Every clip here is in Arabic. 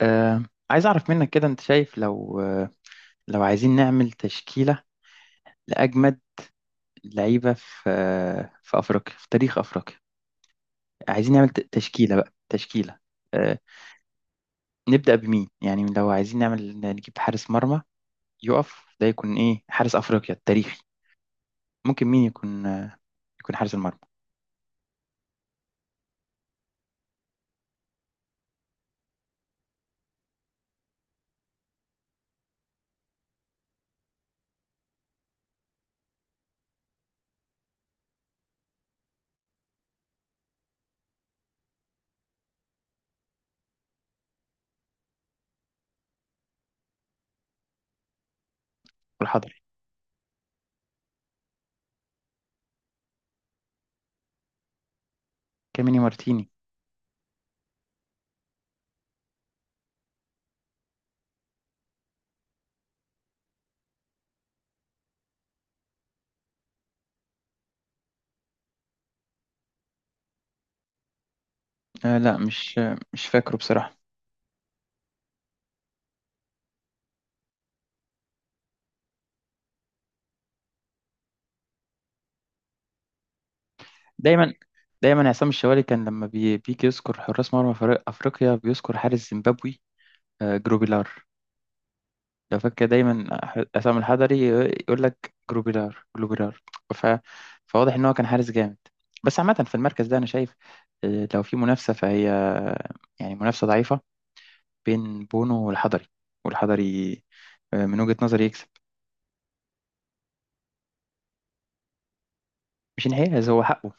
آه، عايز أعرف منك كده، أنت شايف لو لو عايزين نعمل تشكيلة لأجمد لعيبة في في أفريقيا، في تاريخ أفريقيا. عايزين نعمل تشكيلة، بقى تشكيلة. آه، نبدأ بمين؟ يعني لو عايزين نعمل نجيب حارس مرمى يقف، ده يكون إيه؟ حارس أفريقيا التاريخي ممكن مين يكون؟ يكون حارس المرمى. والحضري. كاميني مارتيني. لا، مش مش فاكره بصراحة. دايما، دايما عصام الشوالي كان لما بيجي يذكر حراس مرمى فريق أفريقيا بيذكر حارس زيمبابوي، جروبيلار. لو فاكر، دايما عصام الحضري يقول لك: جروبيلار، جروبيلار. ف... فواضح ان هو كان حارس جامد. بس عامة، في المركز ده انا شايف لو في منافسة فهي يعني منافسة ضعيفة بين بونو والحضري. والحضري من وجهة نظري يكسب. مش انحياز، هو حقه.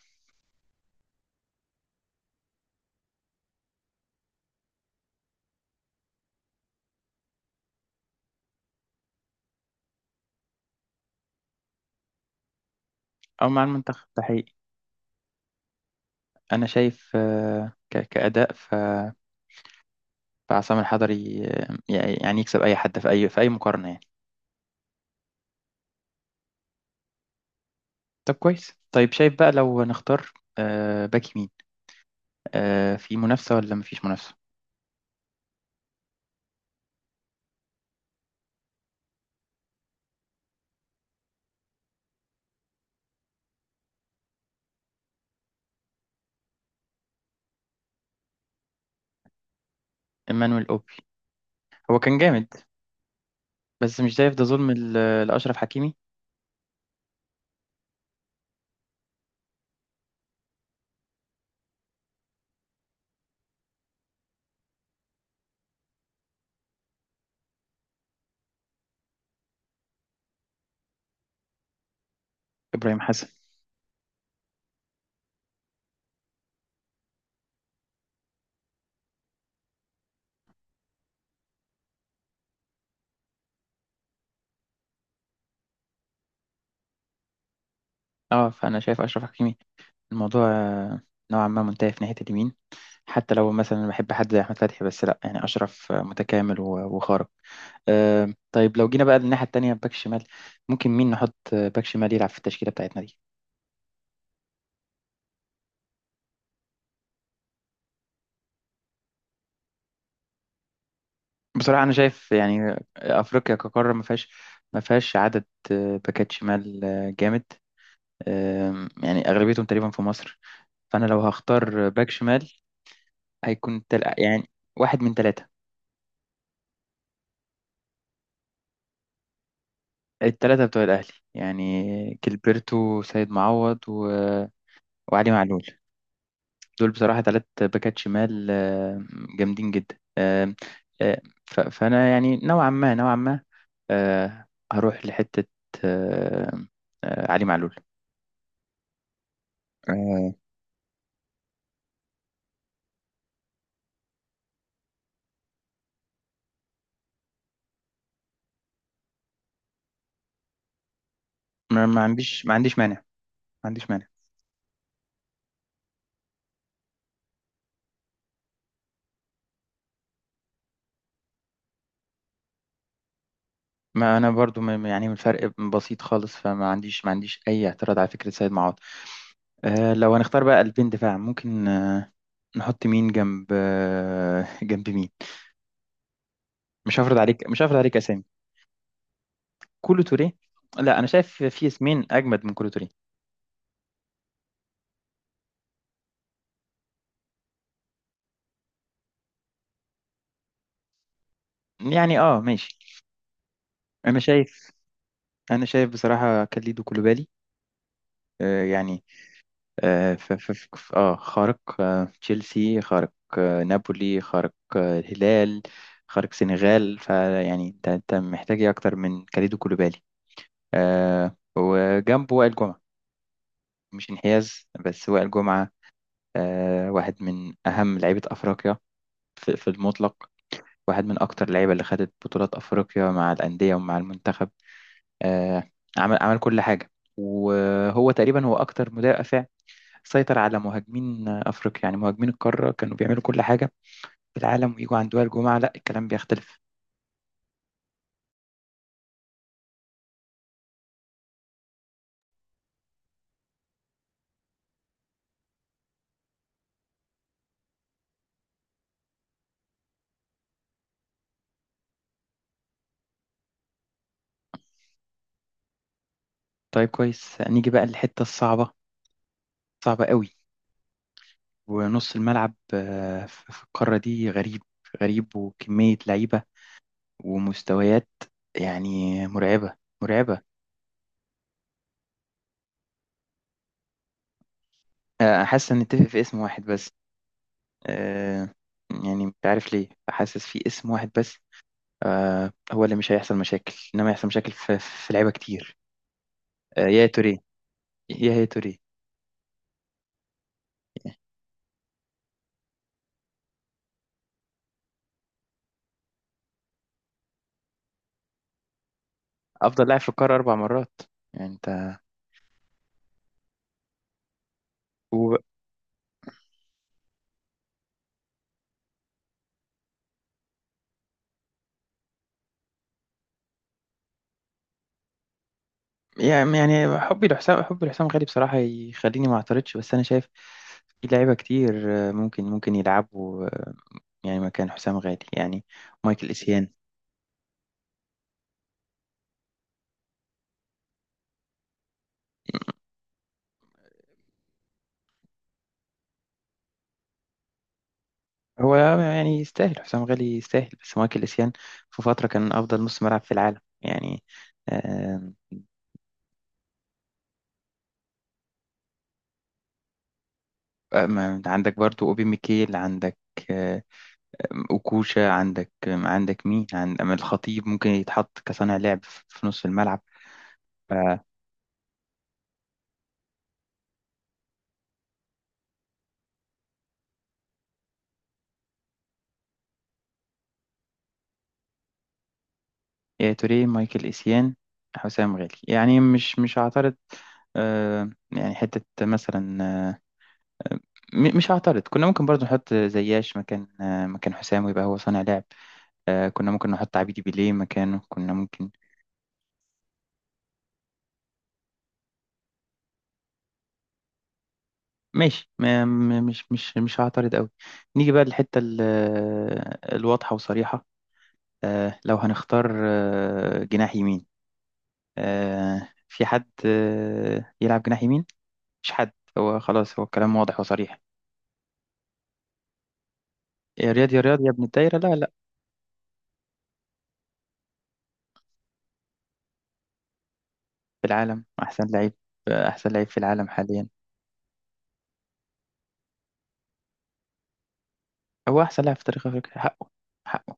او مع المنتخب ده حقيقي. انا شايف كأداء، فعصام الحضري يعني يكسب اي حد في اي، في اي مقارنة يعني. طب كويس. طيب شايف بقى لو نختار باك يمين، في منافسة ولا مفيش منافسة؟ إيمانويل أوبي. هو كان جامد، بس مش شايف ده ظلم لأشرف حكيمي؟ إبراهيم حسن. اه، فأنا شايف أشرف حكيمي، الموضوع نوعا ما منتهي في ناحية اليمين. حتى لو مثلا بحب حد زي أحمد فتحي، بس لأ. يعني أشرف متكامل وخارق. طيب، لو جينا بقى للناحية التانية، باك شمال، ممكن مين نحط باك شمال يلعب في التشكيلة بتاعتنا دي؟ بصراحة أنا شايف يعني أفريقيا كقارة ما فيهاش. عدد باكات شمال جامد. يعني أغلبيتهم تقريبا في مصر. فانا لو هختار باك شمال هيكون يعني واحد من ثلاثه. الثلاثه بتوع الاهلي، يعني جilberto، سيد معوض وعلي معلول. دول بصراحه ثلاث باكات شمال، جامدين جدا. آه، فانا يعني نوعا ما، نوعا ما آه، هروح لحته. آه، علي معلول. آه، ما عنديش، ما عنديش مانع. ما انا برضو يعني من فرق بسيط خالص، فما عنديش ما عنديش اي اعتراض على فكره سيد معوض. لو هنختار بقى قلبين دفاع، ممكن نحط مين جنب؟ جنب مين؟ مش هفرض عليك اسامي. كولو توريه؟ لا، انا شايف في اسمين اجمد من كولو توريه. يعني، اه ماشي. انا شايف انا شايف بصراحه كاليدو كولوبالي. يعني، اه. خارق. تشيلسي خارق. نابولي خارق. الهلال خارق، سنغال. فيعني انت محتاج ايه اكتر من كاليدو كولوبالي؟ وجنبه وائل جمعه. مش انحياز، بس وائل جمعه واحد من أهم لعيبة أفريقيا في المطلق. واحد من أكتر اللعيبة اللي خدت بطولات أفريقيا مع الأندية ومع المنتخب. آه، عمل كل حاجة. وهو تقريبا هو أكتر مدافع سيطر على مهاجمين أفريقيا. يعني مهاجمين القارة كانوا بيعملوا كل حاجة في العالم، ويجوا عند وائل جمعة، لا الكلام بيختلف. طيب كويس. نيجي بقى للحتة الصعبة، صعبة قوي. ونص الملعب في القارة دي غريب. غريب، وكمية لعيبة ومستويات يعني مرعبة. مرعبة. حاسس ان نتفق في اسم واحد بس. آه، يعني مش عارف ليه حاسس في اسم واحد بس. هو اللي مش هيحصل مشاكل، انما يحصل مشاكل في لعيبه كتير. يا توريه. يا هي توريه. افضل لاعب في القاره اربع مرات، يعني انت. و... يعني حبي لحسام غالي بصراحه يخليني ما اعترضش، بس انا شايف في لعيبه كتير ممكن يلعبوا يعني مكان حسام غالي، يعني مايكل اسيان. هو يعني يستاهل، حسام غالي يستاهل، بس مايكل إيسيان في فترة كان أفضل نص ملعب في العالم يعني. آه، عندك برضو أوبي ميكيل. عندك آه، أوكوشا. عندك مين؟ عند، أما الخطيب، ممكن يتحط كصانع لعب في نص الملعب. ف- يا توريه، مايكل إيسيان، حسام غالي. يعني مش هعترض. يعني حتة مثلا، آه، آه، مش هعترض. كنا ممكن برضو نحط زياش مكان مكان حسام، ويبقى هو صانع لعب. كنا ممكن نحط عبيدي بيليه مكانه، كنا ممكن. ماشي، ما م- مش مش مش هعترض قوي. نيجي بقى للحتة الواضحة وصريحة. لو هنختار جناح يمين، في حد يلعب جناح يمين؟ مش حد، هو خلاص، هو الكلام واضح وصريح. يا رياض، يا رياض، يا ابن الدايرة، لا لا. في العالم، أحسن لعيب. أحسن لعيب في العالم حاليا. هو أحسن لاعب في تاريخ أفريقيا، حقه، حقه.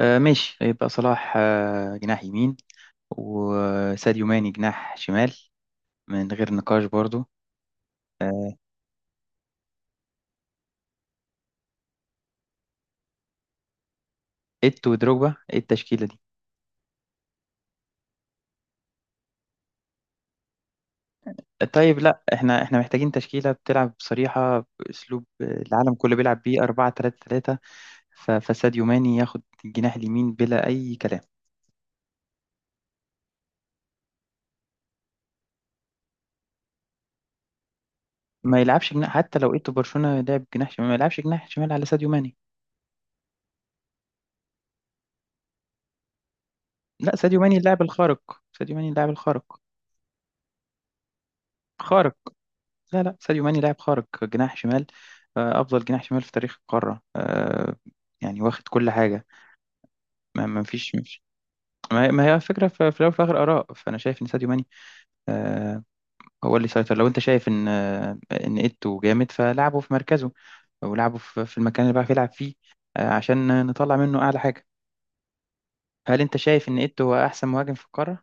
ماشي، يبقى صلاح جناح يمين، وساديو ماني جناح شمال، من غير نقاش برضو. ايتو ودروجبا؟ ايه التشكيلة دي؟ طيب لا، احنا محتاجين تشكيلة بتلعب بصريحة، باسلوب العالم كله بيلعب بيه، 4-3-3. فساديو ماني ياخد الجناح اليمين بلا اي كلام. ما يلعبش جناح. حتى لو ايتو برشلونة لعب جناح شمال، ما يلعبش جناح شمال على ساديو ماني. لا، ساديو ماني اللاعب الخارق. ساديو ماني اللاعب الخارق. خارق. لا لا، ساديو ماني لاعب خارق جناح شمال. افضل جناح شمال في تاريخ القارة. يعني واخد كل حاجة. ما فيش. ما هي الفكرة في الأول وفي الآخر، آراء، فأنا شايف إن ساديو ماني آه هو اللي سيطر. لو أنت شايف إن إن إيتو جامد فلعبه في مركزه، أو لعبه في المكان اللي بيعرف يلعب فيه، عشان نطلع منه أعلى حاجة. هل أنت شايف إن إيتو هو أحسن مهاجم في القارة؟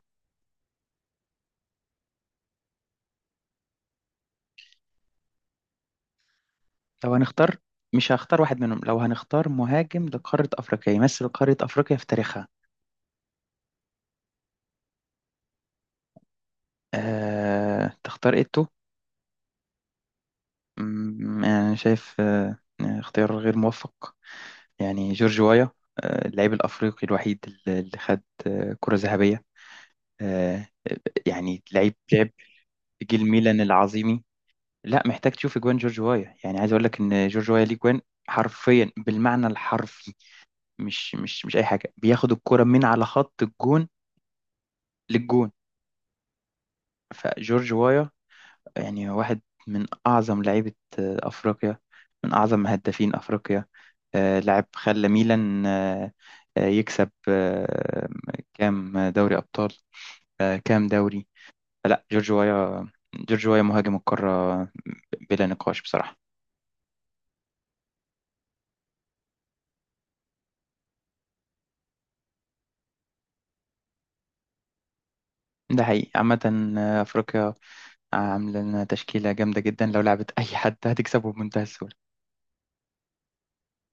لو هنختار، مش هختار واحد منهم. لو هنختار مهاجم لقارة أفريقيا يمثل قارة أفريقيا في تاريخها؟ تختار إيتو؟ يعني أنا شايف اختيار غير موفق. يعني جورج وايا اللاعب الأفريقي الوحيد اللي خد كرة ذهبية. آه، يعني لعيب، لعب في جيل ميلان العظيمي. لا، محتاج تشوف اجوان جورج وايا. يعني عايز اقول لك ان جورج وايا ليه جوان. حرفيا، بالمعنى الحرفي. مش اي حاجه، بياخد الكرة من على خط الجون للجون. فجورج وايا يعني واحد من أعظم لعيبة أفريقيا، من أعظم هدافين أفريقيا. لاعب خلى ميلان يكسب كام دوري أبطال، كام دوري. لا، جورج وايا. جورج وايا مهاجم القارة، بلا نقاش، بصراحة. ده حقيقي. عامة أفريقيا عاملة لنا تشكيلة جامدة جدا، لو لعبت أي حد هتكسبه بمنتهى السهولة.